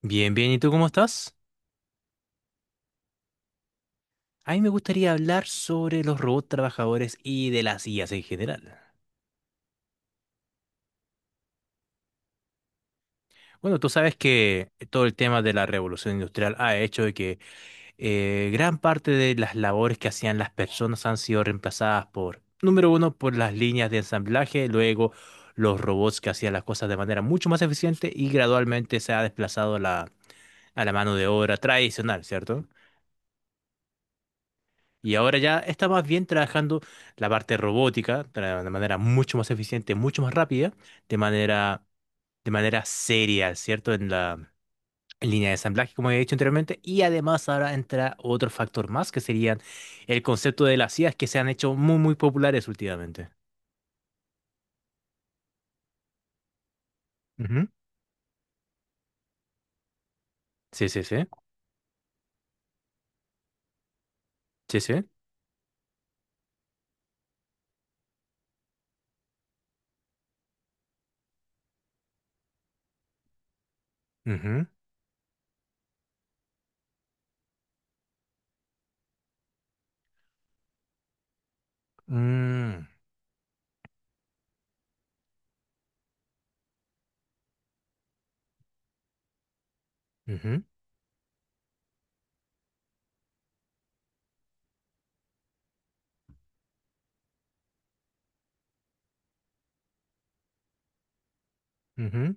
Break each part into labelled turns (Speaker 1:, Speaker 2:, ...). Speaker 1: Bien, bien, ¿y tú cómo estás? A mí me gustaría hablar sobre los robots trabajadores y de las IAs en general. Bueno, tú sabes que todo el tema de la revolución industrial ha hecho de que gran parte de las labores que hacían las personas han sido reemplazadas por, número uno, por las líneas de ensamblaje, luego los robots que hacían las cosas de manera mucho más eficiente y gradualmente se ha desplazado a la mano de obra tradicional, ¿cierto? Y ahora ya está más bien trabajando la parte robótica de una manera mucho más eficiente, mucho más rápida, de manera, de manera seria, ¿cierto? En línea de ensamblaje, como he dicho anteriormente. Y además ahora entra otro factor más, que serían el concepto de las IAs que se han hecho muy, muy populares últimamente. Ujú. Sí, sí, sí. Sí, sí. Ujú. Mm, ujú, ujú.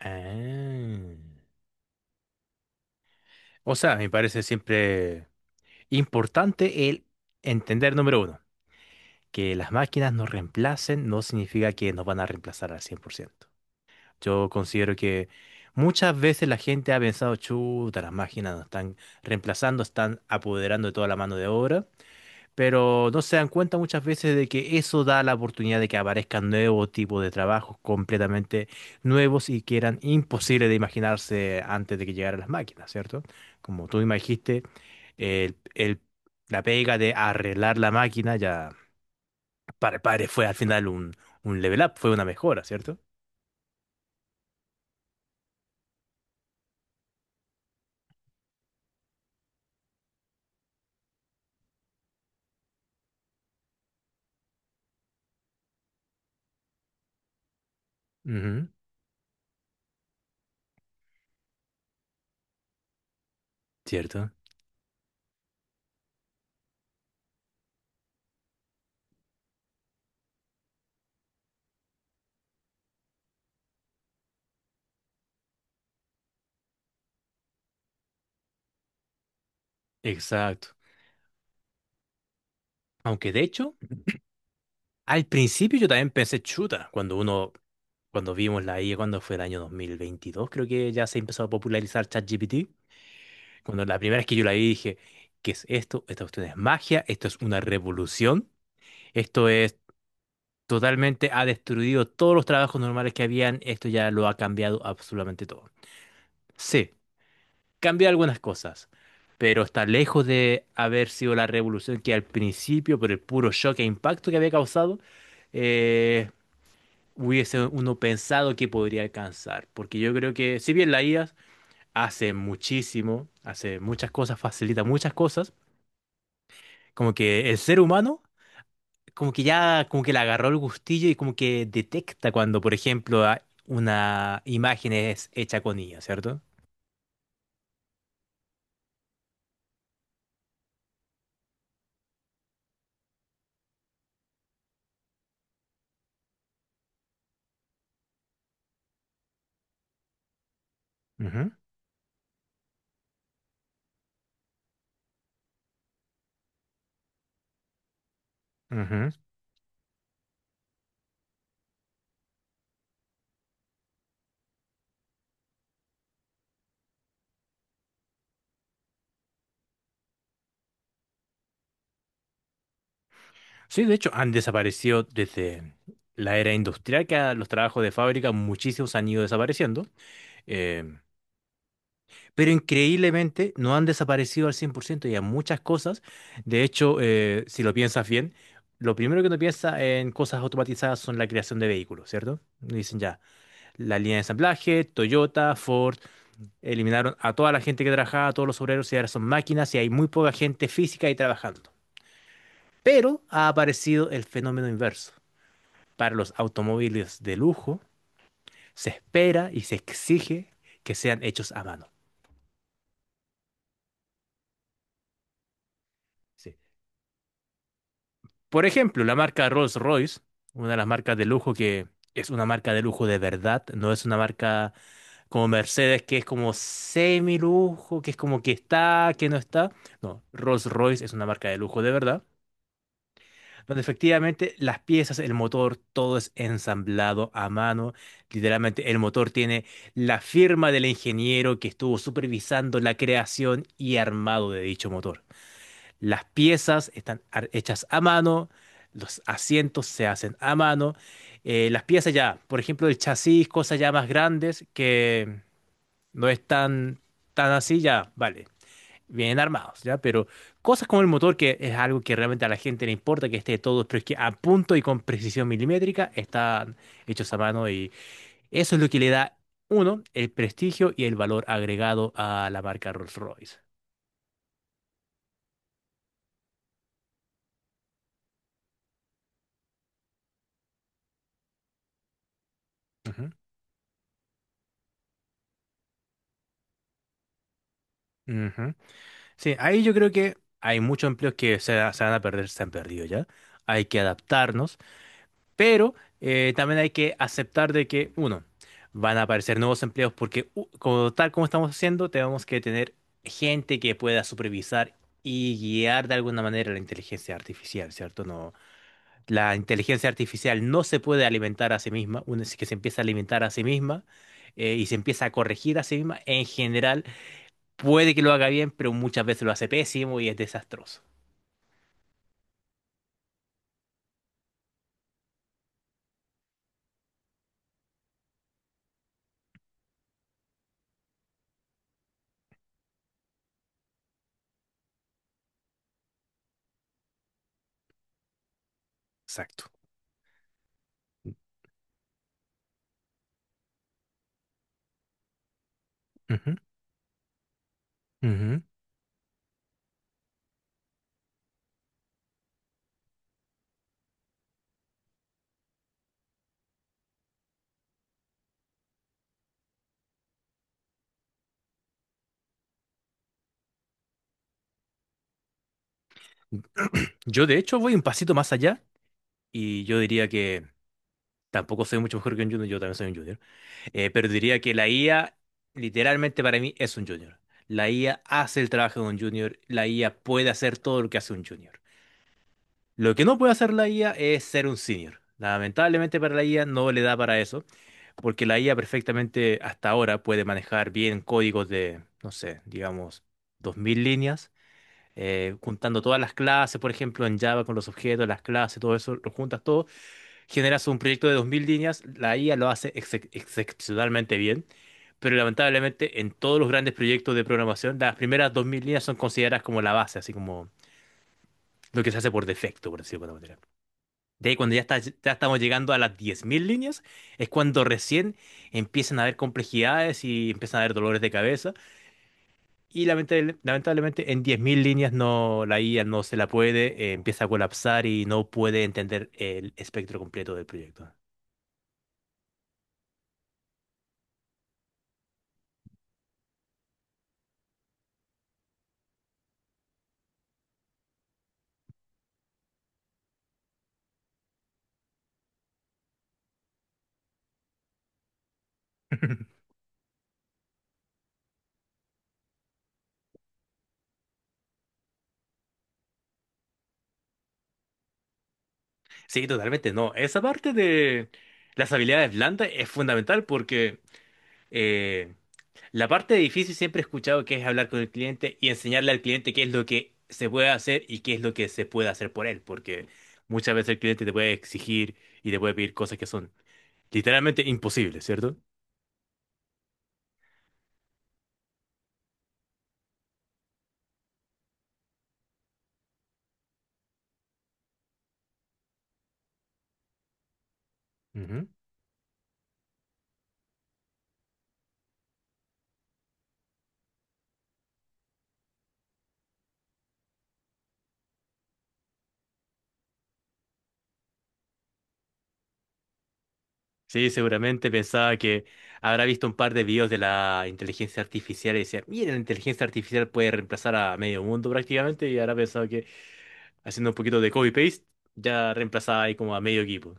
Speaker 1: Ah. O sea, me parece siempre importante el entender, número uno. Que las máquinas nos reemplacen no significa que nos van a reemplazar al 100%. Yo considero que muchas veces la gente ha pensado, chuta, las máquinas nos están reemplazando, están apoderando de toda la mano de obra, pero no se dan cuenta muchas veces de que eso da la oportunidad de que aparezcan nuevos tipos de trabajos completamente nuevos y que eran imposibles de imaginarse antes de que llegaran las máquinas, ¿cierto? Como tú me dijiste, el, el- la pega de arreglar la máquina ya para Padre fue al final un level up, fue una mejora, ¿cierto? Ujú, cierto. Exacto. Aunque de hecho, al principio yo también pensé chuta, cuando vimos la IA, cuando fue el año 2022, creo que ya se empezó a popularizar ChatGPT. Cuando la primera vez que yo la vi dije, ¿qué es esto? Esta cuestión es magia, esto es una revolución, esto es totalmente, ha destruido todos los trabajos normales que habían, esto ya lo ha cambiado absolutamente todo. Sí, cambió algunas cosas, pero está lejos de haber sido la revolución que al principio, por el puro shock e impacto que había causado, eh, hubiese uno pensado que podría alcanzar. Porque yo creo que, si bien la IA hace muchísimo, hace muchas cosas, facilita muchas cosas, como que el ser humano, como que ya, como que le agarró el gustillo y como que detecta cuando, por ejemplo, una imagen es hecha con IA, cierto. Ujú, ujú. Sí, de hecho, han desaparecido desde la era industrial, que a los trabajos de fábrica muchísimos han ido desapareciendo, eh, pero increíblemente no han desaparecido al 100% y hay muchas cosas. De hecho, si lo piensas bien, lo primero que uno piensa en cosas automatizadas son la creación de vehículos, ¿cierto? Dicen ya, la línea de ensamblaje, Toyota, Ford, eliminaron a toda la gente que trabajaba, a todos los obreros, y ahora son máquinas y hay muy poca gente física ahí trabajando. Pero ha aparecido el fenómeno inverso. Para los automóviles de lujo, se espera y se exige que sean hechos a mano. Sí. Por ejemplo, la marca Rolls-Royce, una de las marcas de lujo que es una marca de lujo de verdad, no es una marca como Mercedes que es como semi-lujo, que es como que está, que no está. No, Rolls-Royce es una marca de lujo de verdad. Donde efectivamente las piezas, el motor, todo es ensamblado a mano. Literalmente el motor tiene la firma del ingeniero que estuvo supervisando la creación y armado de dicho motor. Las piezas están hechas a mano, los asientos se hacen a mano. Las piezas ya, por ejemplo, el chasis, cosas ya más grandes que no es tan, tan así, ya, vale vienen armados, ¿ya? Pero cosas como el motor, que es algo que realmente a la gente le importa que esté todo, pero es que a punto y con precisión milimétrica están hechos a mano y eso es lo que le da, uno, el prestigio y el valor agregado a la marca Rolls-Royce. Ujú, ujú. Sí, ahí yo creo que hay muchos empleos que se van a perder, se han perdido ya. Hay que adaptarnos. Pero también hay que aceptar de que, uno, van a aparecer nuevos empleos porque, como, tal como estamos haciendo, tenemos que tener gente que pueda supervisar y guiar de alguna manera la inteligencia artificial, ¿cierto? No, la inteligencia artificial no se puede alimentar a sí misma. Una vez que se empieza a alimentar a sí misma y se empieza a corregir a sí misma, en general puede que lo haga bien, pero muchas veces lo hace pésimo y es desastroso. Exacto. Ujú, ujú. Yo de hecho voy un pasito más allá. Y yo diría que tampoco soy mucho mejor que un junior, yo también soy un junior. Pero diría que la IA, literalmente para mí, es un junior. La IA hace el trabajo de un junior, la IA puede hacer todo lo que hace un junior. Lo que no puede hacer la IA es ser un senior. Lamentablemente para la IA no le da para eso, porque la IA perfectamente hasta ahora puede manejar bien códigos de, no sé, digamos, 2000 líneas, juntando todas las clases, por ejemplo, en Java con los objetos, las clases, todo eso, lo juntas todo, generas un proyecto de 2000 líneas, la IA lo hace excepcionalmente bien, pero lamentablemente en todos los grandes proyectos de programación, las primeras 2000 líneas son consideradas como la base, así como lo que se hace por defecto, por decirlo de alguna manera. De ahí cuando ya, ya estamos llegando a las 10.000 líneas, es cuando recién empiezan a haber complejidades y empiezan a haber dolores de cabeza. Y lamentablemente en 10.000 líneas no, la IA no se la puede, empieza a colapsar y no puede entender el espectro completo del proyecto. Sí, totalmente, no. Esa parte de las habilidades blandas es fundamental porque eh, la parte difícil siempre he escuchado que es hablar con el cliente y enseñarle al cliente qué es lo que se puede hacer y qué es lo que se puede hacer por él, porque muchas veces el cliente te puede exigir y te puede pedir cosas que son literalmente imposibles, ¿cierto? Ujú. Sí, seguramente pensaba que habrá visto un par de videos de la inteligencia artificial y decía, mira, la inteligencia artificial puede reemplazar a medio mundo prácticamente y habrá pensado que haciendo un poquito de copy-paste, ya reemplazaba ahí como a medio equipo.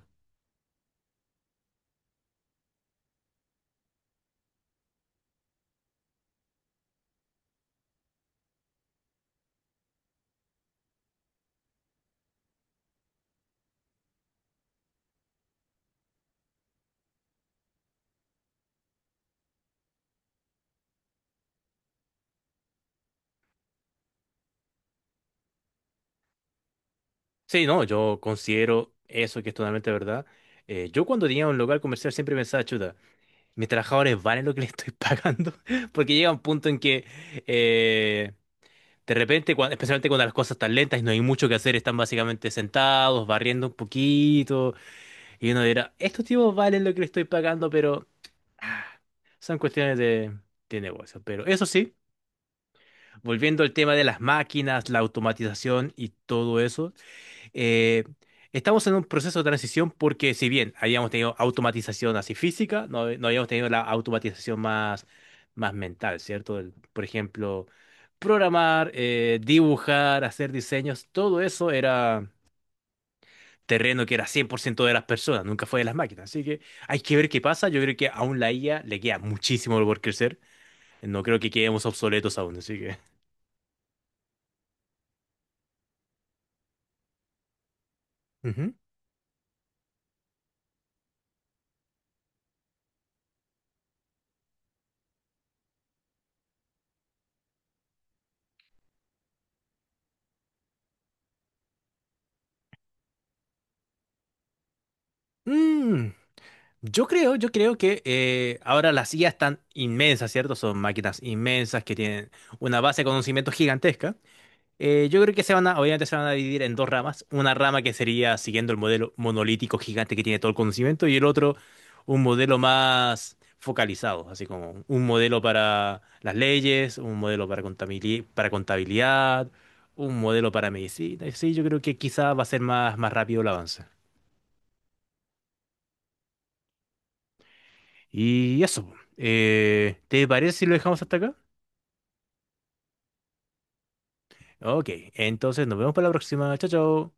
Speaker 1: Sí, no, yo considero eso que es totalmente verdad. Yo cuando tenía un local comercial siempre pensaba, chuta, mis trabajadores valen lo que les estoy pagando, porque llega un punto en que eh, de repente, especialmente cuando las cosas están lentas y no hay mucho que hacer, están básicamente sentados, barriendo un poquito, y uno dirá, estos tipos valen lo que les estoy pagando, pero ah, son cuestiones de negocio. Pero eso sí. Volviendo al tema de las máquinas, la automatización y todo eso, eh, estamos en un proceso de transición porque si bien habíamos tenido automatización así física, no, no habíamos tenido la automatización más, más mental, ¿cierto? Por ejemplo, programar, dibujar, hacer diseños, todo eso era terreno que era 100% de las personas, nunca fue de las máquinas. Así que hay que ver qué pasa. Yo creo que aún la IA le queda muchísimo por crecer. No creo que quedemos obsoletos aún, así que... Ujú. Mm. Yo creo que ahora las IA están inmensas, ¿cierto? Son máquinas inmensas que tienen una base de conocimiento gigantesca. Yo creo que obviamente se van a dividir en dos ramas. Una rama que sería siguiendo el modelo monolítico gigante que tiene todo el conocimiento y el otro un modelo más focalizado, así como un modelo para las leyes, un modelo para para contabilidad, un modelo para medicina. Sí, yo creo que quizá va a ser más, más rápido el avance. Y eso. ¿Te parece si lo dejamos hasta acá? Ok, entonces nos vemos para la próxima. Chao, chao.